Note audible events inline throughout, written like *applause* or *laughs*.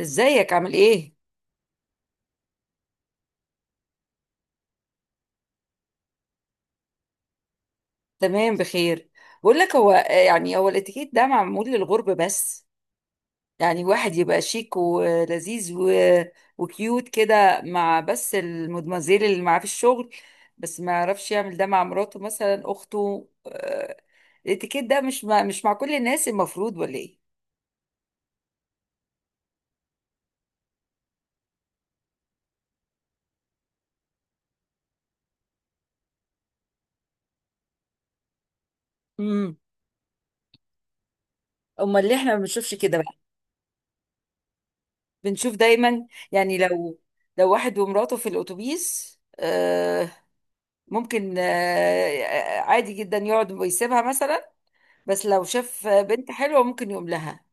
ازيك؟ عامل ايه؟ تمام، بخير. بقول لك، هو يعني الاتيكيت ده معمول للغرب بس. يعني واحد يبقى شيك ولذيذ وكيوت كده مع بس المدمزيل اللي معاه في الشغل، بس ما يعرفش يعمل ده مع مراته، مثلا اخته. الاتيكيت ده مش مش مع كل الناس المفروض، ولا ايه؟ امم. امال ليه احنا ما بنشوفش كده بقى؟ بنشوف دايما. يعني لو واحد ومراته في الاتوبيس، ممكن، عادي جدا يقعد ويسيبها مثلا، بس لو شاف بنت حلوة ممكن يقوم لها،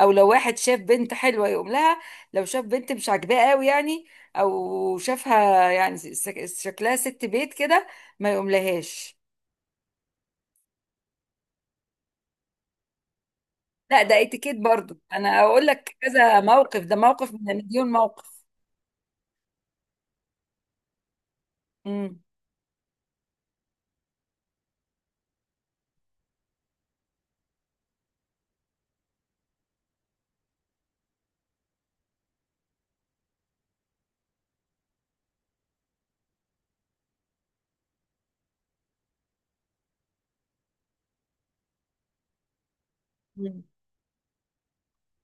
او لو واحد شاف بنت حلوة يقوم لها، لو شاف بنت مش عاجباه قوي، يعني او شافها يعني شكلها ست بيت كده، ما يقوم لهاش. لا، ده اتيكيت برضو. انا اقول لك كذا موقف، ده موقف من مليون موقف. امم.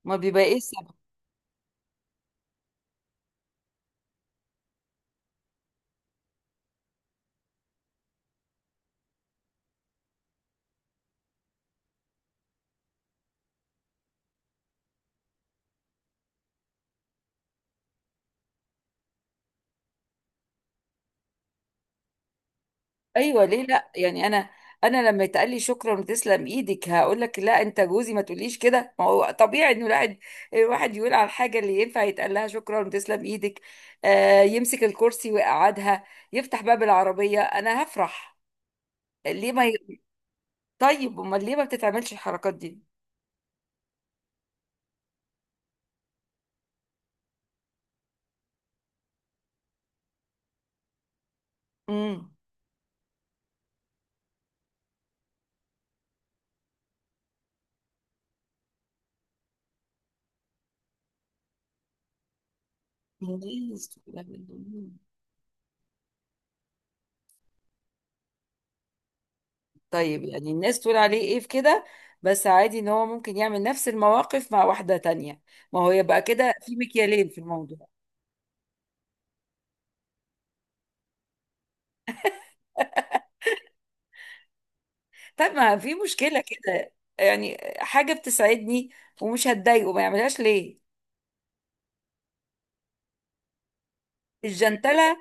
ما بيبقى. ايوه، ليه لا؟ يعني انا لما يتقال لي شكرا وتسلم ايدك، هقول لك لا، انت جوزي، ما تقوليش كده. ما هو طبيعي انه الواحد يقول على الحاجه اللي ينفع يتقال لها شكرا وتسلم ايدك. آه، يمسك الكرسي ويقعدها، يفتح باب العربيه، انا هفرح. ليه ما ي... طيب امال ليه ما بتتعملش الحركات دي؟ امم. الناس تقول عليه- طيب، يعني الناس تقول عليه ايه في كده؟ بس عادي ان هو ممكن يعمل نفس المواقف مع واحده تانية. ما هو يبقى كده في مكيالين في الموضوع. طب ما في مشكلة كده، يعني حاجة بتسعدني ومش هتضايقه، ما يعملهاش ليه؟ الجنتلة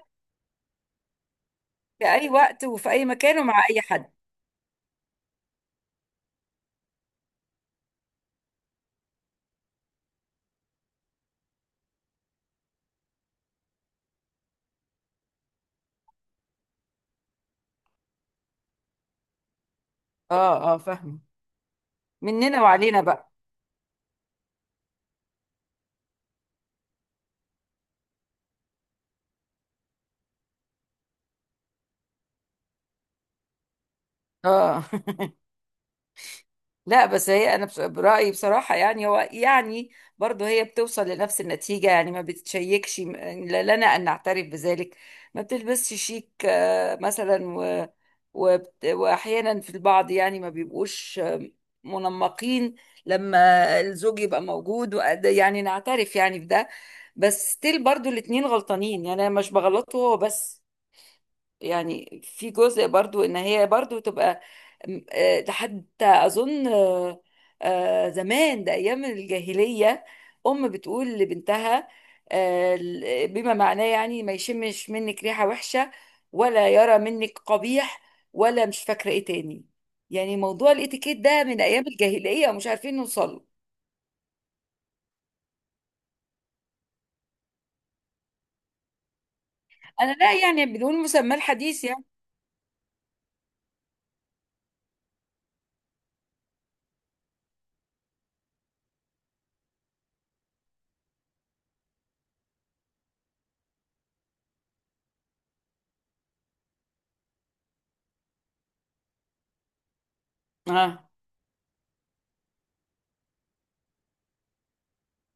في أي وقت وفي أي مكان ومع أي حد. اه اه، فاهمه. مننا وعلينا بقى. اه. *laughs* لا، بس هي، انا برأيي بصراحة، يعني هو يعني برضه هي بتوصل لنفس النتيجة. يعني ما بتشيكش لنا ان نعترف بذلك. ما بتلبسش شيك مثلا، واحيانا في البعض، يعني ما بيبقوش منمقين لما الزوج يبقى موجود يعني نعترف يعني بده. بس ستيل برضه الاتنين غلطانين. يعني انا مش بغلطه هو بس، يعني في جزء برضو ان هي برضو تبقى ده حتى اظن زمان ده ايام الجاهلية، ام بتقول لبنتها بما معناه يعني ما يشمش منك ريحة وحشة، ولا يرى منك قبيح، ولا مش فاكرة ايه تاني. يعني موضوع الاتيكيت ده من ايام الجاهلية ومش عارفين نوصله. انا لا، يعني بدون مسمى الحديث يعني. اه.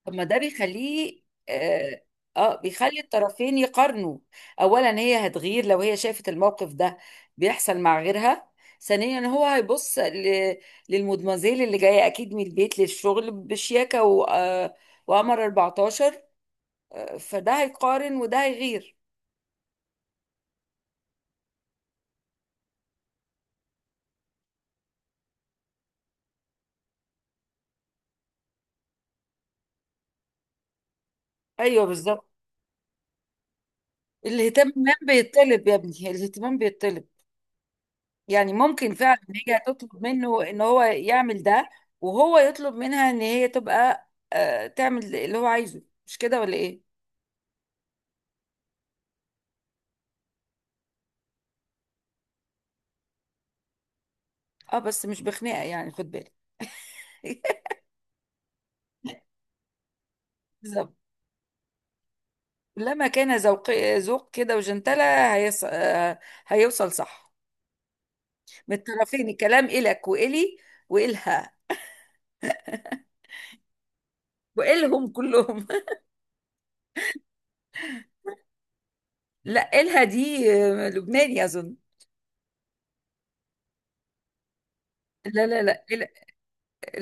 طب ما ده بيخليه. اه، بيخلي الطرفين يقارنوا. اولا هي هتغير لو هي شافت الموقف ده بيحصل مع غيرها. ثانيا هو هيبص للمدمزيل اللي جايه اكيد من البيت للشغل بشياكه و... آه، وقمر 14. فده هيقارن وده هيغير. ايوه بالظبط. الاهتمام بيطلب، يا ابني الاهتمام بيطلب. يعني ممكن فعلا ان هي تطلب منه ان هو يعمل ده، وهو يطلب منها ان هي تبقى تعمل اللي هو عايزه، مش كده ولا ايه؟ اه، بس مش بخناقه يعني، خد بالك. *laughs* بالظبط. لما كان ذوق، ذوق كده وجنتلة هيص... آه، هيوصل صح من الطرفين. الكلام إلك وإلي وإلها وإلهم كلهم. *laughs* لا، إلها دي لبناني أظن. لا لا لا،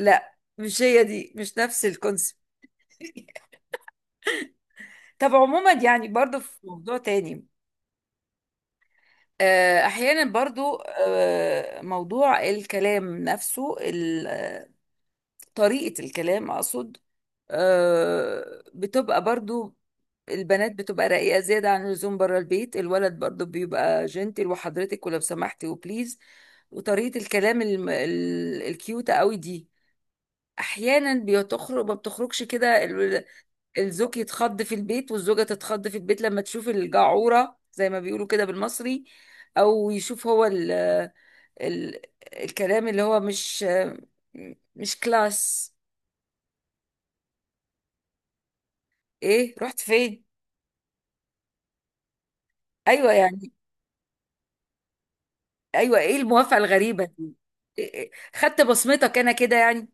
لا مش هي دي، مش نفس الكونسيبت. *laughs* طب عموما يعني برضو في موضوع تاني. احيانا برضو موضوع الكلام نفسه، طريقة الكلام اقصد. بتبقى برضو البنات بتبقى رقيقة زيادة عن اللزوم بره البيت. الولد برضو بيبقى جنتل وحضرتك ولو سمحتي وبليز. وطريقة الكلام الكيوتة قوي دي احيانا ما بتخرجش كده. الزوج يتخض في البيت والزوجة تتخض في البيت لما تشوف الجعورة زي ما بيقولوا كده بالمصري، أو يشوف هو ال ال الكلام اللي هو مش كلاس. إيه، رحت فين؟ أيوة يعني. أيوة، إيه الموافقة الغريبة دي؟ إيه، خدت بصمتك أنا كده يعني.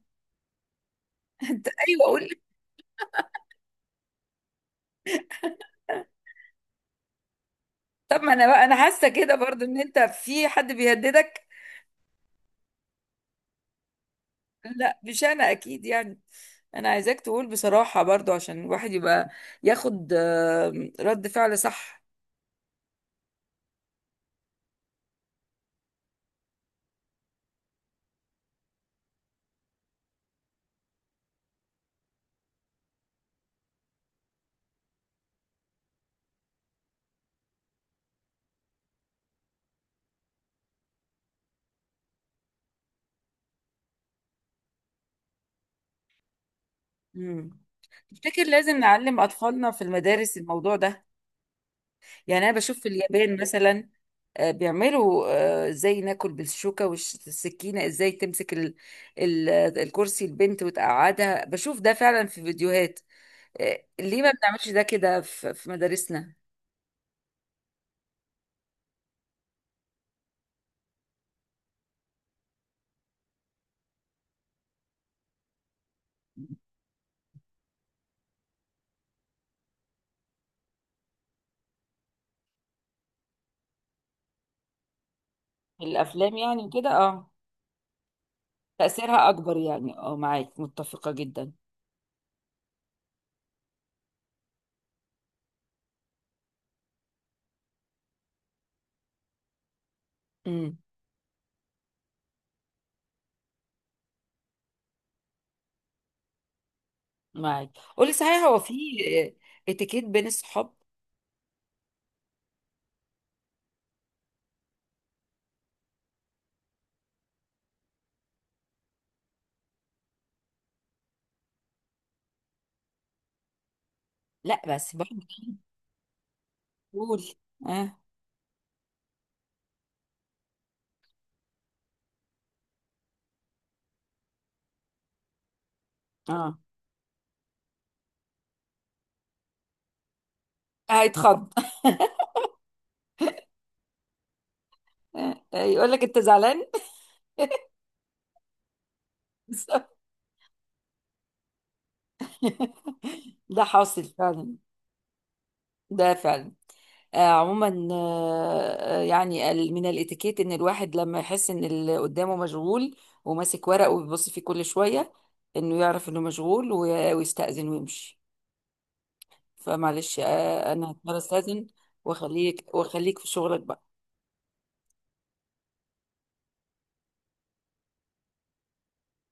*laughs* أنت، أيوة قول لي. طب ما أنا بقى، أنا حاسة كده برضو إن أنت في حد بيهددك. لا مش انا اكيد يعني. انا عايزاك تقول بصراحة برضو عشان الواحد يبقى ياخد رد فعل صح. امم. تفتكر لازم نعلم اطفالنا في المدارس الموضوع ده؟ يعني انا بشوف في اليابان مثلا بيعملوا ازاي ناكل بالشوكة والسكينة، ازاي تمسك ال- الكرسي البنت وتقعدها. بشوف ده فعلا في فيديوهات. ليه ما بنعملش ده كده في مدارسنا؟ الافلام يعني كده، اه. تأثيرها أكبر يعني، اه معاك متفقة جدا. امم. معاك. قولي صحيح، هو في اتيكيت بين الصحاب؟ لا بس برضه. قولي. اه اه. هيتخض. *laughs* يقول لك انت زعلان. *laughs* ده حاصل فعلا. ده فعلا. عموما، يعني من الاتيكيت ان الواحد لما يحس ان اللي قدامه مشغول وماسك ورقه وبيبص فيه كل شوية، انه يعرف انه مشغول ويستأذن ويمشي. فمعلش انا هضطر استاذن واخليك واخليك في شغلك بقى.